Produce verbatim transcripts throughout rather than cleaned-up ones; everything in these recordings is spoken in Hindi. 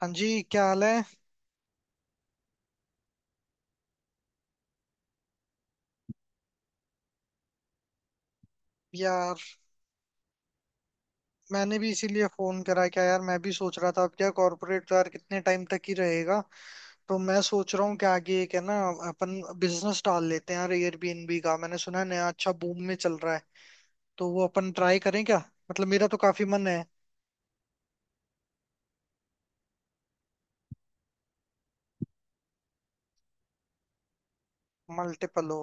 हाँ जी, क्या हाल है? यार मैंने भी इसीलिए फोन करा। क्या यार, मैं भी सोच रहा था अब क्या कॉर्पोरेट तो यार कितने टाइम तक ही रहेगा। तो मैं सोच रहा हूँ कि आगे एक है ना अपन बिजनेस डाल लेते हैं यार। एयरबीएनबी का मैंने सुना है, नया अच्छा बूम में चल रहा है। तो वो अपन ट्राई करें क्या? मतलब मेरा तो काफी मन है। मल्टीपल हो।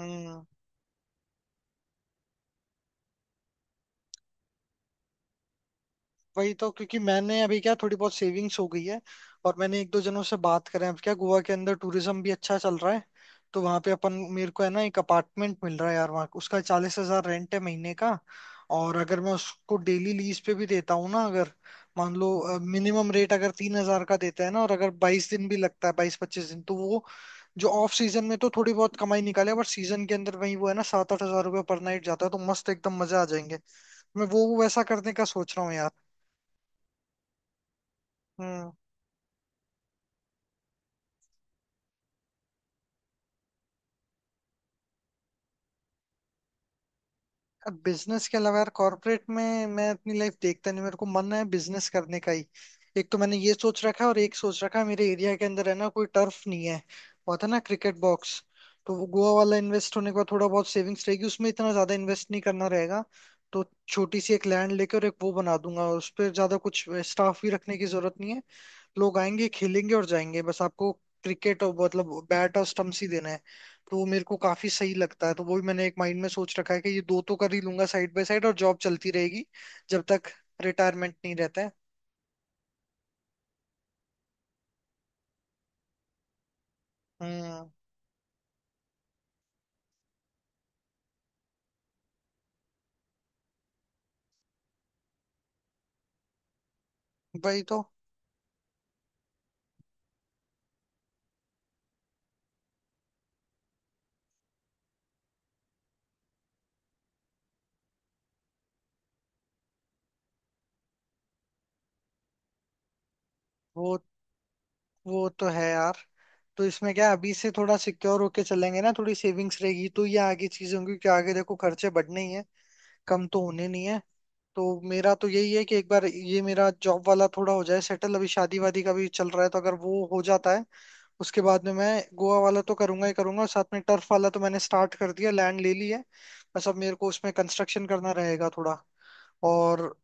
हम्म। वही तो, क्योंकि मैंने अभी क्या थोड़ी बहुत सेविंग्स हो गई है। और मैंने एक दो जनों से बात करें। अब क्या गोवा के अंदर टूरिज्म भी अच्छा चल रहा है। तो वहां पे अपन मेरे को है ना एक अपार्टमेंट मिल रहा है यार वहाँ। उसका चालीस हजार रेंट है महीने का। और अगर मैं उसको डेली लीज पे भी देता हूँ ना, अगर मान लो मिनिमम रेट अगर तीन हजार का देता है ना। और अगर बाईस दिन भी लगता है, बाईस पच्चीस दिन, तो वो जो ऑफ सीजन में तो थोड़ी बहुत कमाई निकाले, बट सीजन के अंदर वही वो है ना सात आठ हजार रुपये पर नाइट जाता है। तो मस्त एकदम मजा आ जाएंगे। मैं वो वैसा करने का सोच रहा हूँ। हम्म। अब बिजनेस के अलावा यार कॉर्पोरेट में मैं अपनी लाइफ देखता नहीं, मेरे को मन है बिजनेस करने का ही। एक तो मैंने ये सोच रखा है, और एक सोच रखा है मेरे एरिया के अंदर है ना कोई टर्फ नहीं है। वो था ना क्रिकेट बॉक्स। तो वो गोवा वाला इन्वेस्ट होने के बाद थोड़ा बहुत सेविंग्स रहेगी, उसमें इतना ज्यादा इन्वेस्ट नहीं करना रहेगा। तो छोटी सी एक लैंड लेकर एक वो बना दूंगा, उस पर ज्यादा कुछ स्टाफ भी रखने की जरूरत नहीं है। लोग आएंगे खेलेंगे और जाएंगे, बस आपको क्रिकेट, और मतलब बैट और स्टम्प्स ही देना है। तो वो मेरे को काफी सही लगता है। तो वो भी मैंने एक माइंड में सोच रखा है कि ये दो तो कर ही लूंगा साइड बाय साइड, और जॉब चलती रहेगी जब तक रिटायरमेंट नहीं रहता है। हम्म। वही तो। वो वो तो है यार। तो इसमें क्या है, अभी से थोड़ा सिक्योर होके चलेंगे ना, थोड़ी सेविंग्स रहेगी तो ये आगे चीजें होंगी कि आगे देखो खर्चे बढ़ने ही है, कम तो होने नहीं है। तो मेरा तो यही है कि एक बार ये मेरा जॉब वाला थोड़ा हो जाए सेटल, अभी शादी वादी का भी चल रहा है, तो अगर वो हो जाता है उसके बाद में मैं गोवा वाला तो करूंगा ही करूंगा, और साथ में टर्फ वाला तो मैंने स्टार्ट कर दिया, लैंड ले ली है। बस अब मेरे को उसमें कंस्ट्रक्शन करना रहेगा थोड़ा। और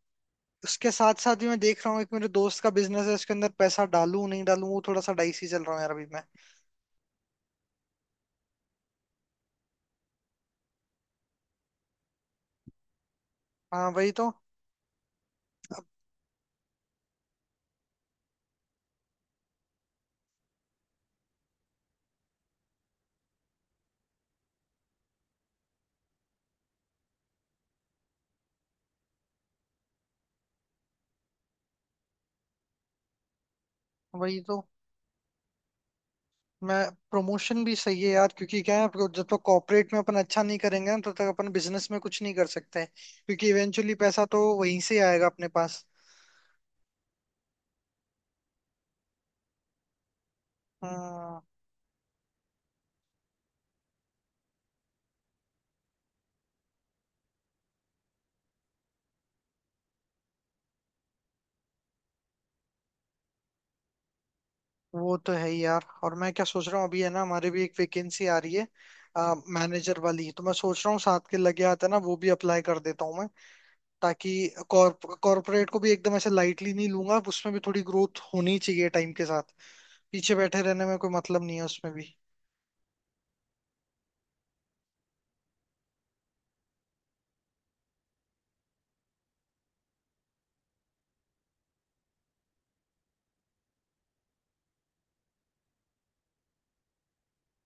उसके साथ साथ ही मैं देख रहा हूँ एक मेरे दोस्त का बिजनेस है उसके अंदर पैसा डालूं नहीं डालूं, वो थोड़ा सा डाइसी चल रहा है यार अभी मैं। हाँ, वही तो। वही तो। मैं प्रमोशन भी सही है यार, क्योंकि क्या है आपको जब तक कॉर्पोरेट में अपन अच्छा नहीं करेंगे ना, तब तक अपन बिजनेस में कुछ नहीं कर सकते, क्योंकि इवेंचुअली पैसा तो वहीं से आएगा अपने पास। हाँ, वो तो है ही यार। और मैं क्या सोच रहा हूँ अभी है ना हमारे भी एक वैकेंसी आ रही है, मैनेजर वाली। तो मैं सोच रहा हूँ साथ के लगे हाथ है ना वो भी अप्लाई कर देता हूँ मैं, ताकि कॉर्पोरेट को भी एकदम ऐसे लाइटली नहीं लूंगा, उसमें भी थोड़ी ग्रोथ होनी चाहिए टाइम के साथ। पीछे बैठे रहने में कोई मतलब नहीं है उसमें भी।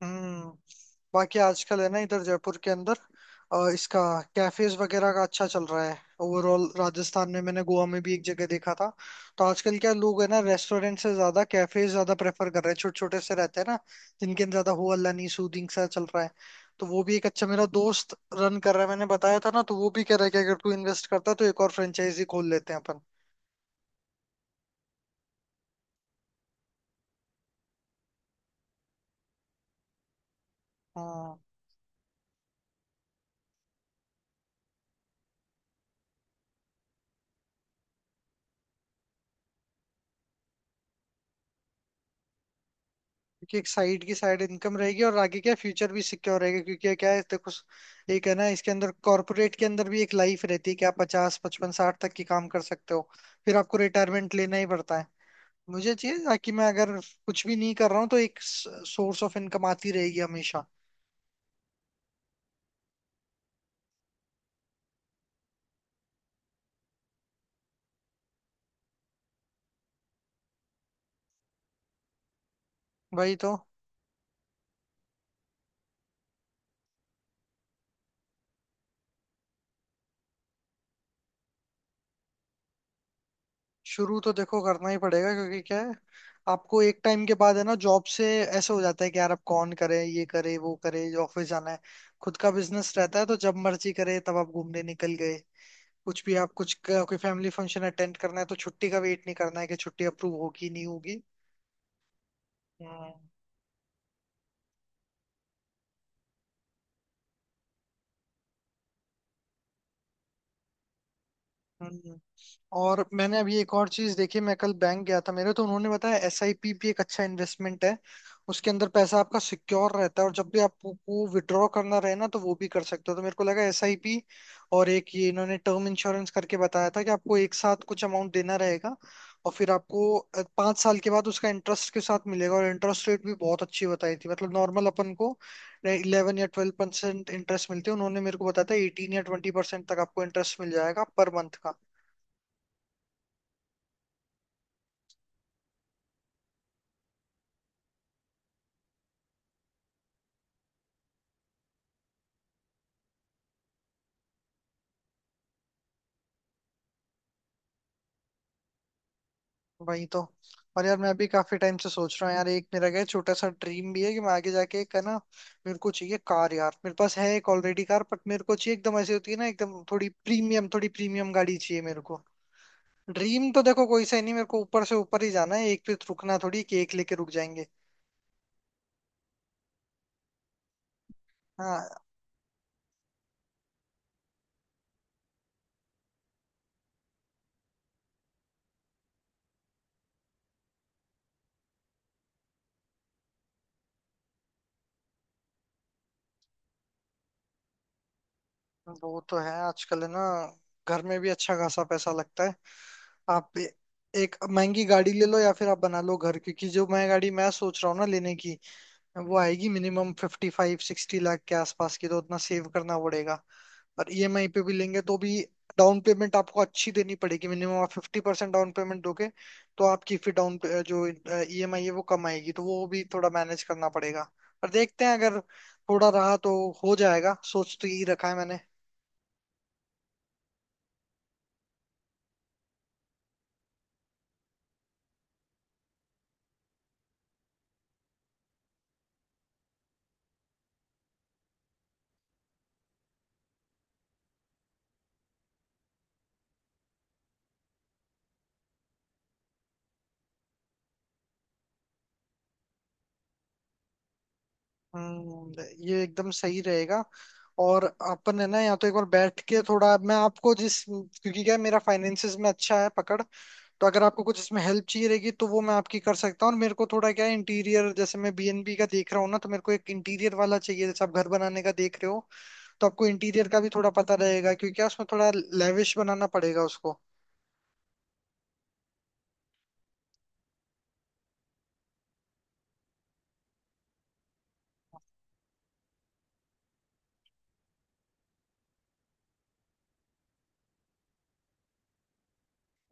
हम्म। बाकी आजकल है ना इधर जयपुर के अंदर अ, इसका कैफेज वगैरह का अच्छा चल रहा है। ओवरऑल राजस्थान में, मैंने गोवा में भी एक जगह देखा था। तो आजकल क्या लोग है ना रेस्टोरेंट से ज्यादा कैफेज ज्यादा प्रेफर कर रहे हैं, छोटे छोटे से रहते हैं ना, जिनके अंदर ज्यादा हो अल्ला नहीं, सूदिंग सा चल रहा है। तो वो भी एक अच्छा मेरा दोस्त रन कर रहा है, मैंने बताया था ना। तो वो भी कह रहा है कि अगर तू इन्वेस्ट करता है तो एक और फ्रेंचाइजी खोल लेते हैं अपन। हाँ। क्योंकि एक साइड की साइड इनकम रहेगी, और आगे क्या फ्यूचर भी सिक्योर रहेगा, क्योंकि ये क्या है देखो एक है ना इसके अंदर कॉर्पोरेट के अंदर भी एक लाइफ रहती है कि आप पचास पचपन साठ तक की काम कर सकते हो। फिर आपको रिटायरमेंट लेना ही पड़ता है। मुझे चाहिए ताकि मैं अगर कुछ भी नहीं कर रहा हूँ तो एक सोर्स ऑफ इनकम आती रहेगी हमेशा। वही तो। शुरू तो देखो करना ही पड़ेगा, क्योंकि क्या है आपको एक टाइम के बाद है ना जॉब से ऐसा हो जाता है कि यार अब कौन करे, ये करे वो करे, ऑफिस जाना है। खुद का बिजनेस रहता है तो जब मर्जी करे तब आप घूमने निकल गए। कुछ भी आप कुछ क- कोई फैमिली फंक्शन अटेंड करना है तो छुट्टी का वेट नहीं करना है कि छुट्टी अप्रूव होगी नहीं होगी। हम्म। हम्म। और मैंने अभी एक और चीज देखी, मैं कल बैंक गया था मेरे, तो उन्होंने बताया एस आई पी भी एक अच्छा इन्वेस्टमेंट है। उसके अंदर पैसा आपका सिक्योर रहता है, और जब भी आपको विड्रॉ करना रहे ना तो वो भी कर सकते हो। तो मेरे को लगा एस आई पी। और एक ये इन्होंने टर्म इंश्योरेंस करके बताया था कि आपको एक साथ कुछ अमाउंट देना रहेगा, और फिर आपको अ, पाँच साल के बाद उसका इंटरेस्ट के साथ मिलेगा। और इंटरेस्ट रेट भी बहुत अच्छी बताई थी, मतलब नॉर्मल अपन को इलेवन या ट्वेल्व परसेंट इंटरेस्ट मिलते हैं, उन्होंने मेरे को बताया था एटीन या ट्वेंटी परसेंट तक आपको इंटरेस्ट मिल जाएगा पर मंथ। वही तो। और यार मैं भी काफी टाइम से सोच रहा हूँ यार, एक मेरा क्या है, छोटा सा ड्रीम भी है कि मैं आगे जाके एक है ना मेरे को चाहिए कार यार। मेरे पास है एक ऑलरेडी कार, बट मेरे को चाहिए एकदम, ऐसी होती है ना एकदम थोड़ी प्रीमियम, थोड़ी प्रीमियम गाड़ी चाहिए मेरे को। ड्रीम तो देखो कोई सा ही नहीं, मेरे को ऊपर से ऊपर ही जाना है, एक पे रुकना थोड़ी केक लेके रुक जाएंगे। हाँ, वो तो है आजकल है ना, घर में भी अच्छा खासा पैसा लगता है। आप ए- एक महंगी गाड़ी ले लो या फिर आप बना लो घर, क्योंकि जो मैं गाड़ी मैं सोच रहा हूँ ना लेने की, वो आएगी minimum fifty five sixty lakh के आसपास की, तो उतना सेव करना पड़ेगा। और ईएमआई पे भी लेंगे तो भी डाउन पेमेंट आपको अच्छी देनी पड़ेगी, मिनिमम आप फिफ्टी परसेंट डाउन पेमेंट दोगे तो आपकी फिर डाउन, जो ईएमआई है वो कम आएगी, तो वो भी थोड़ा मैनेज करना पड़ेगा। और देखते हैं अगर थोड़ा रहा तो हो जाएगा, सोच तो यही रखा है मैंने। हम्म। ये एकदम सही रहेगा। और अपन है ना या तो एक बार बैठ के थोड़ा मैं आपको जिस, क्योंकि क्या है, मेरा फाइनेंसिस में अच्छा है पकड़। तो अगर आपको कुछ इसमें हेल्प चाहिए रहेगी तो वो मैं आपकी कर सकता हूँ। और मेरे को थोड़ा क्या है इंटीरियर, जैसे मैं बीएनबी का देख रहा हूँ ना तो मेरे को एक इंटीरियर वाला चाहिए, जैसे आप घर बनाने का देख रहे हो तो आपको इंटीरियर का भी थोड़ा पता रहेगा, क्योंकि क्या उसमें थोड़ा लेविश बनाना पड़ेगा उसको।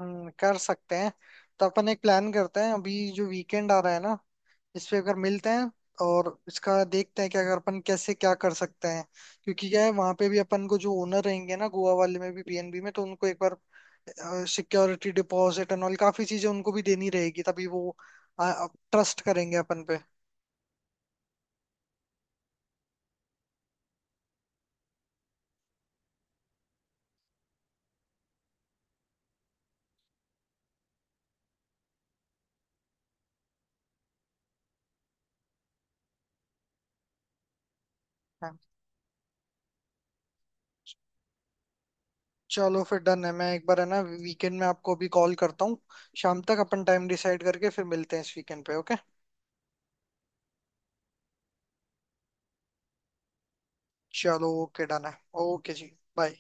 हम्म, कर सकते हैं। तो अपन एक प्लान करते हैं, अभी जो वीकेंड आ रहा है ना इस पे अगर मिलते हैं, और इसका देखते हैं कि अगर अपन कैसे क्या कर सकते हैं। क्योंकि क्या है वहां पे भी अपन को जो ओनर रहेंगे ना गोवा वाले में भी, बीएनबी में, तो उनको एक बार सिक्योरिटी डिपॉजिट एंड ऑल काफी चीजें उनको भी देनी रहेगी, तभी वो ट्रस्ट करेंगे अपन पे। हाँ, चलो फिर डन है। मैं एक बार है ना वीकेंड में आपको अभी कॉल करता हूँ, शाम तक अपन टाइम डिसाइड करके फिर मिलते हैं इस वीकेंड पे, ओके। चलो, ओके, डन है। ओके जी। बाय।